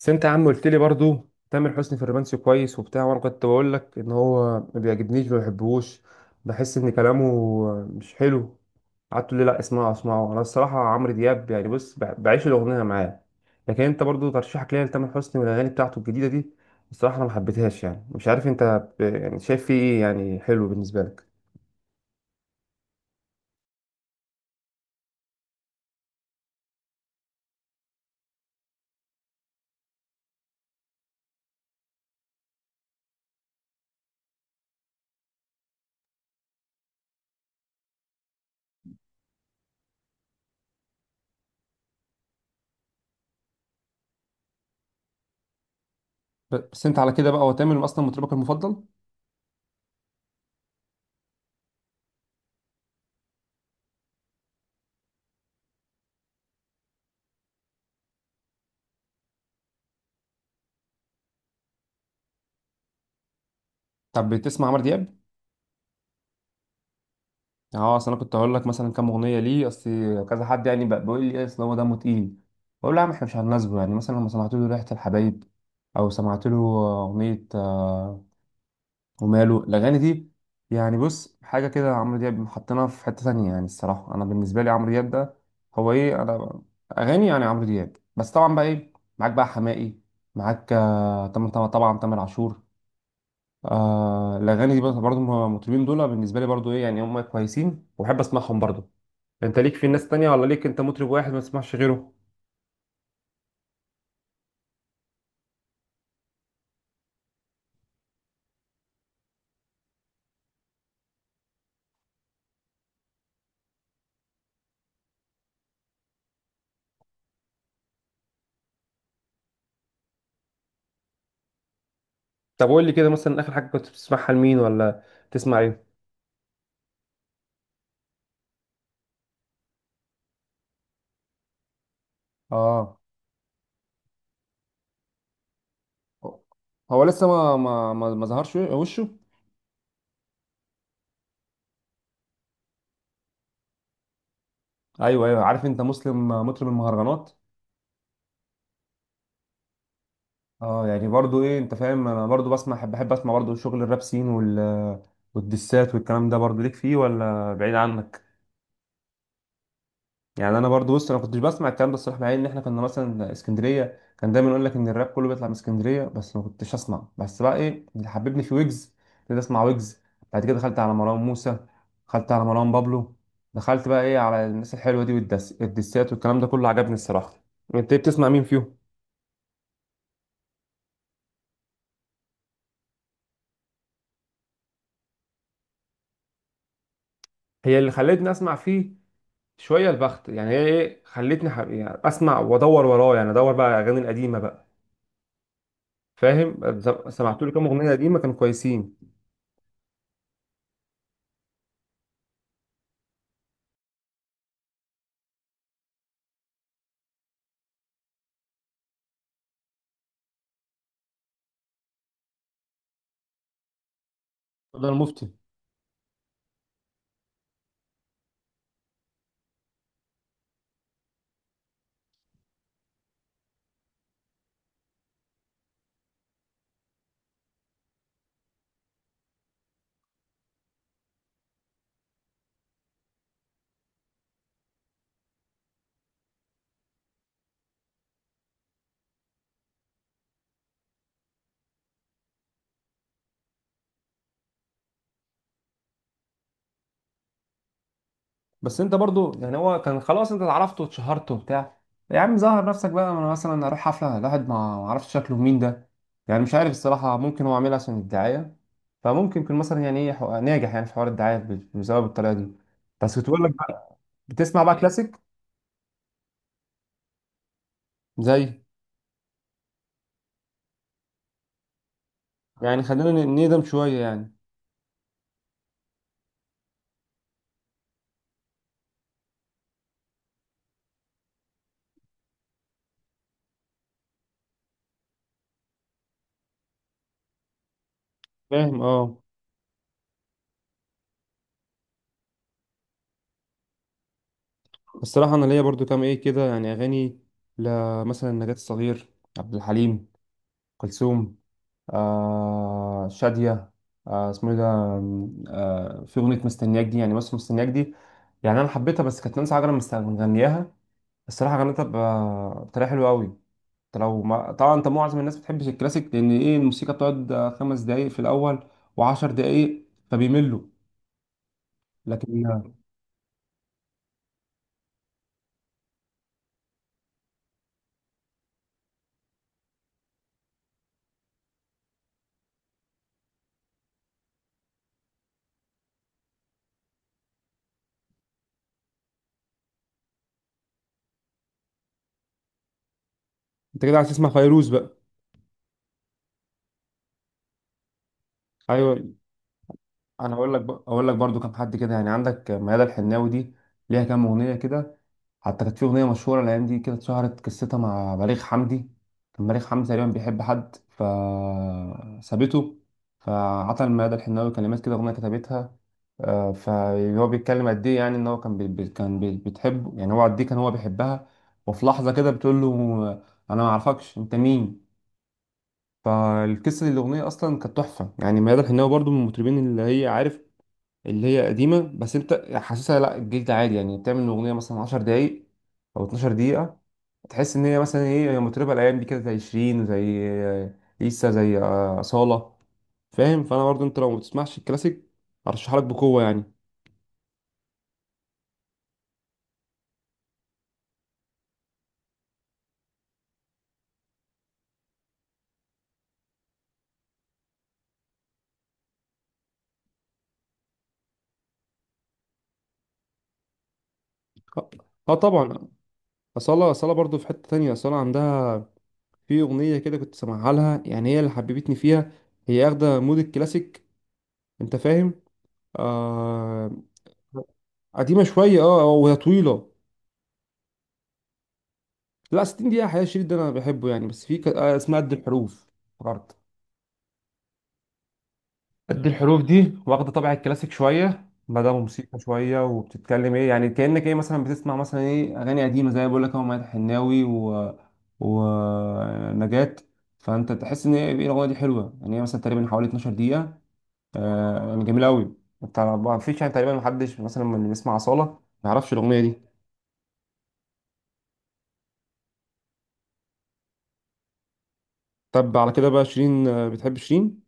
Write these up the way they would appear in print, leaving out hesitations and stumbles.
بس انت يا عم قلت لي برضو تامر حسني في الرومانسي كويس وبتاع، وانا كنت بقول لك ان هو ما بيعجبنيش ما بحبهوش. بحس ان كلامه مش حلو. قعدت تقول لي لا اسمعه اسمعه. انا الصراحه عمرو دياب يعني بص بعيش الاغنيه معاه. لكن انت برضو ترشيحك ليا لتامر حسني والاغاني بتاعته الجديده دي، الصراحه انا ما حبيتهاش. يعني مش عارف انت يعني شايف فيه ايه يعني حلو بالنسبه لك؟ بس انت على كده بقى هو تامر اصلا مطربك المفضل؟ طب بتسمع عمرو دياب؟ اه، اصل انا كنت هقول لك مثلا كام اغنيه ليه. اصل كذا حد يعني بقى بيقول لي إيه، اصل هو دمه تقيل. بقول له يا عم احنا مش هنناسبه. يعني مثلا لما سمعت له ريحه الحبايب او سمعت له اغنيه آه، وماله الاغاني دي؟ يعني بص حاجه كده، عمرو دياب حطينا في حته تانية. يعني الصراحه انا بالنسبه لي عمرو دياب ده هو ايه، انا اغاني يعني عمرو دياب بس. طبعا بقى ايه معاك بقى حماقي، معاك آه، طبعا طبعا طبعاً تامر عاشور آه. الاغاني دي برضه المطربين دول بالنسبه لي برضه ايه، يعني هم كويسين وبحب اسمعهم برضه. انت ليك في ناس تانية ولا ليك انت مطرب واحد ما تسمعش غيره؟ طب قول لي كده مثلا اخر حاجة كنت بتسمعها لمين، ولا تسمع ايه؟ اه. هو لسه ما ظهرش وشه. ايوه ايوه، عارف انت مسلم مطرب المهرجانات. اه، يعني برضو ايه، انت فاهم انا برضو بسمع، بحب اسمع برضو شغل الراب سين وال والدسات والكلام ده، برضو ليك فيه ولا بعيد عنك؟ يعني انا برضو بص انا كنتش بسمع الكلام ده الصراحه، مع ان احنا كنا مثلا اسكندريه، كان دايما يقول لك ان الراب كله بيطلع من اسكندريه، بس ما كنتش اسمع. بس بقى ايه اللي حببني في ويجز، ابتديت اسمع ويجز. بعد كده دخلت على مروان موسى، دخلت على مروان بابلو، دخلت بقى ايه على الناس الحلوه دي، والدس الدسات والكلام ده كله عجبني الصراحه. انت إيه بتسمع مين فيهم؟ هي اللي خلتني اسمع فيه. شويه البخت يعني هي ايه خلتني يعني اسمع وادور وراه، يعني ادور بقى على الاغاني القديمه بقى. فاهم. سمعت له كام اغنيه قديمه كانوا كويسين. ده المفتي. بس انت برضو، يعني هو كان خلاص انت اتعرفت واتشهرت وبتاع، يا عم ظهر نفسك بقى. ما انا مثلا اروح حفله الواحد ما اعرفش شكله مين ده. يعني مش عارف الصراحه، ممكن هو عاملها عشان الدعايه. فممكن يكون مثلا يعني ايه ناجح يعني في حوار الدعايه بسبب الطريقه دي. بس كنت بقول لك بقى، بتسمع بقى كلاسيك زي؟ يعني خلينا نقدم شويه يعني. فاهم اه. الصراحه انا ليا برضو كام ايه كده يعني اغاني ل، مثلا نجاة الصغير، عبد الحليم، كلثوم، آه شادية، آه اسمه ايه ده، آه في أغنية مستنياك دي. يعني بس مستنياك دي يعني أنا حبيتها بس كانت نانسي عجرم مغنياها. الصراحة غنتها بطريقة حلوة أوي. أنت لو ما... طبعا أنت معظم الناس بتحبش الكلاسيك لأن إيه الموسيقى بتقعد آه، خمس دقايق في الأول وعشر دقايق فبيملوا. لكن آه، أنت كده عايز تسمع فيروز بقى؟ أيوه. أنا أقول لك بقى، أقول لك برضو كام حد كده، يعني عندك ميادة الحناوي دي ليها كام أغنية كده. حتى كانت في أغنية مشهورة الأيام دي كده، اتشهرت قصتها مع بليغ حمدي. كان بليغ حمدي تقريبا بيحب حد فسابته، فعطى المدى الحناوي كلمات كده أغنية كتبتها آه، فهو بيتكلم قد إيه، يعني إن هو كان بي بتحبه، يعني هو قد إيه كان هو بيحبها. وفي لحظة كده بتقول له أنا ما أعرفكش أنت مين. فالقصة دي الأغنية أصلا كانت تحفة. يعني ميادة الحناوي برضو من المطربين اللي هي عارف اللي هي قديمة، بس انت حاسسها لا الجلد عادي. يعني بتعمل اغنية مثلا 10 دقايق او 12 دقيقة، تحس ان هي مثلا ايه، هي مطربة الايام دي كده زي شيرين، زي لسه زي آه، أصالة. فاهم؟ فانا برضو انت لو ما بتسمعش الكلاسيك ارشح لك بقوة يعني. اه آه طبعا. أصالة أصالة برضو في حتة تانية. أصالة عندها في أغنية كده كنت سامعها لها، يعني هي اللي حببتني فيها. هي اخدة مود الكلاسيك، انت فاهم. آه. قديمة شوية اه، وهي طويلة. لا 60 دقيقة حقيقة، الشريط ده أنا بحبه يعني. بس في آه، اسمها قد الحروف، افتكرت. قد الحروف دي واخدة طابع الكلاسيك شوية، مدام موسيقى شوية، وبتتكلم إيه يعني، كأنك إيه مثلا بتسمع مثلا إيه أغاني قديمة زي ما بقول لك أهو مدحت الحناوي و... ونجاة. فأنت تحس إن إيه، إيه الأغنية دي حلوة. يعني هي مثلا تقريبا حوالي 12 دقيقة آه، يعني جميلة أوي. أنت ما فيش يعني تقريبا محدش مثلا من اللي بيسمع أصالة ما يعرفش الأغنية دي. طب على كده بقى شيرين، آه، بتحب شيرين؟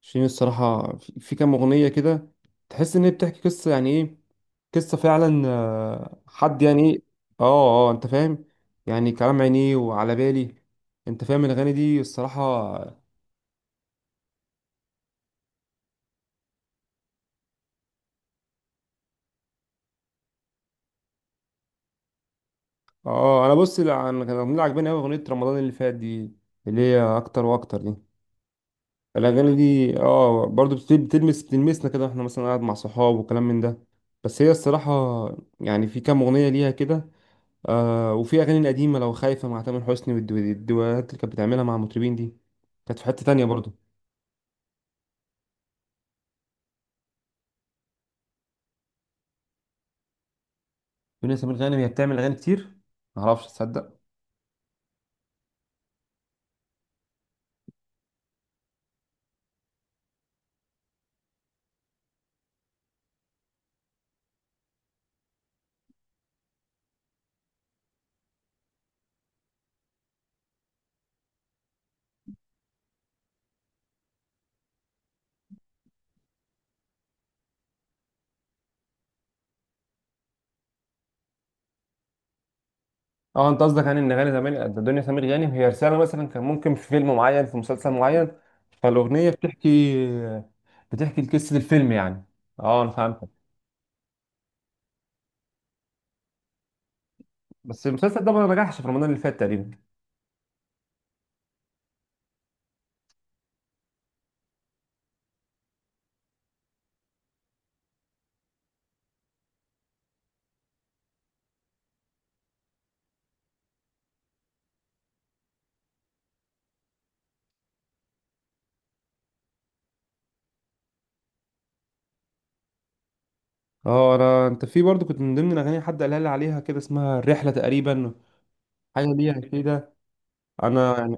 شيرين الصراحة في كام أغنية كده تحس إن هي بتحكي قصة، يعني إيه قصة فعلا آه، حد يعني إيه آه آه أنت فاهم. يعني كلام عينيه وعلى بالي، أنت فاهم الأغاني دي الصراحة آه. آه، أنا بص لا، أنا كان الأغنية اللي عجباني أوي أغنية رمضان اللي فات دي، اللي هي أكتر وأكتر دي. الأغاني دي آه برضو بتلمس بتلمسنا كده إحنا مثلا قاعد مع صحاب وكلام من ده. بس هي الصراحة يعني في كام أغنية ليها كده آه. وفي اغاني القديمه لو خايفه مع تامر حسني والدوات اللي كانت بتعملها مع المطربين دي، كانت في حته تانية برضه. دنيا سمير غانم هي بتعمل اغاني كتير معرفش تصدق. اه انت قصدك يعني ان اغاني زمان دنيا سمير غانم هي رساله، مثلا كان ممكن في فيلم معين في مسلسل معين، فالاغنيه بتحكي، بتحكي قصه الفيلم يعني. اه انا فهمتك. بس المسلسل ده ما نجحش في رمضان اللي فات تقريبا. اه، انا انت في برضه كنت من ضمن الاغاني حد قالها لي عليها كده، اسمها الرحله تقريبا، حاجه ليها كده. انا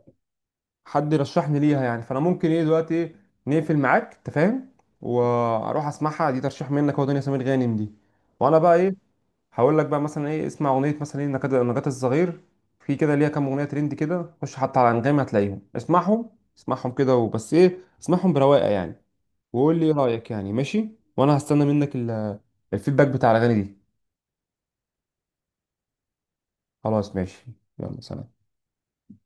حد رشحني ليها يعني، فانا ممكن ايه دلوقتي إيه نقفل معاك، انت فاهم، واروح اسمعها. دي ترشيح منك هو دنيا سمير غانم دي. وانا بقى ايه هقول لك بقى مثلا ايه اسمع اغنيه مثلا ايه نجاة الصغير، في كده ليها كام اغنيه ترند كده، خش حتى على انغامي هتلاقيهم، اسمعهم، اسمعهم كده وبس، ايه اسمعهم برواقه يعني. وقول لي ايه رايك، يعني ماشي؟ وانا هستنى منك الفيدباك بتاع الاغاني دي. خلاص ماشي. يلا سلام.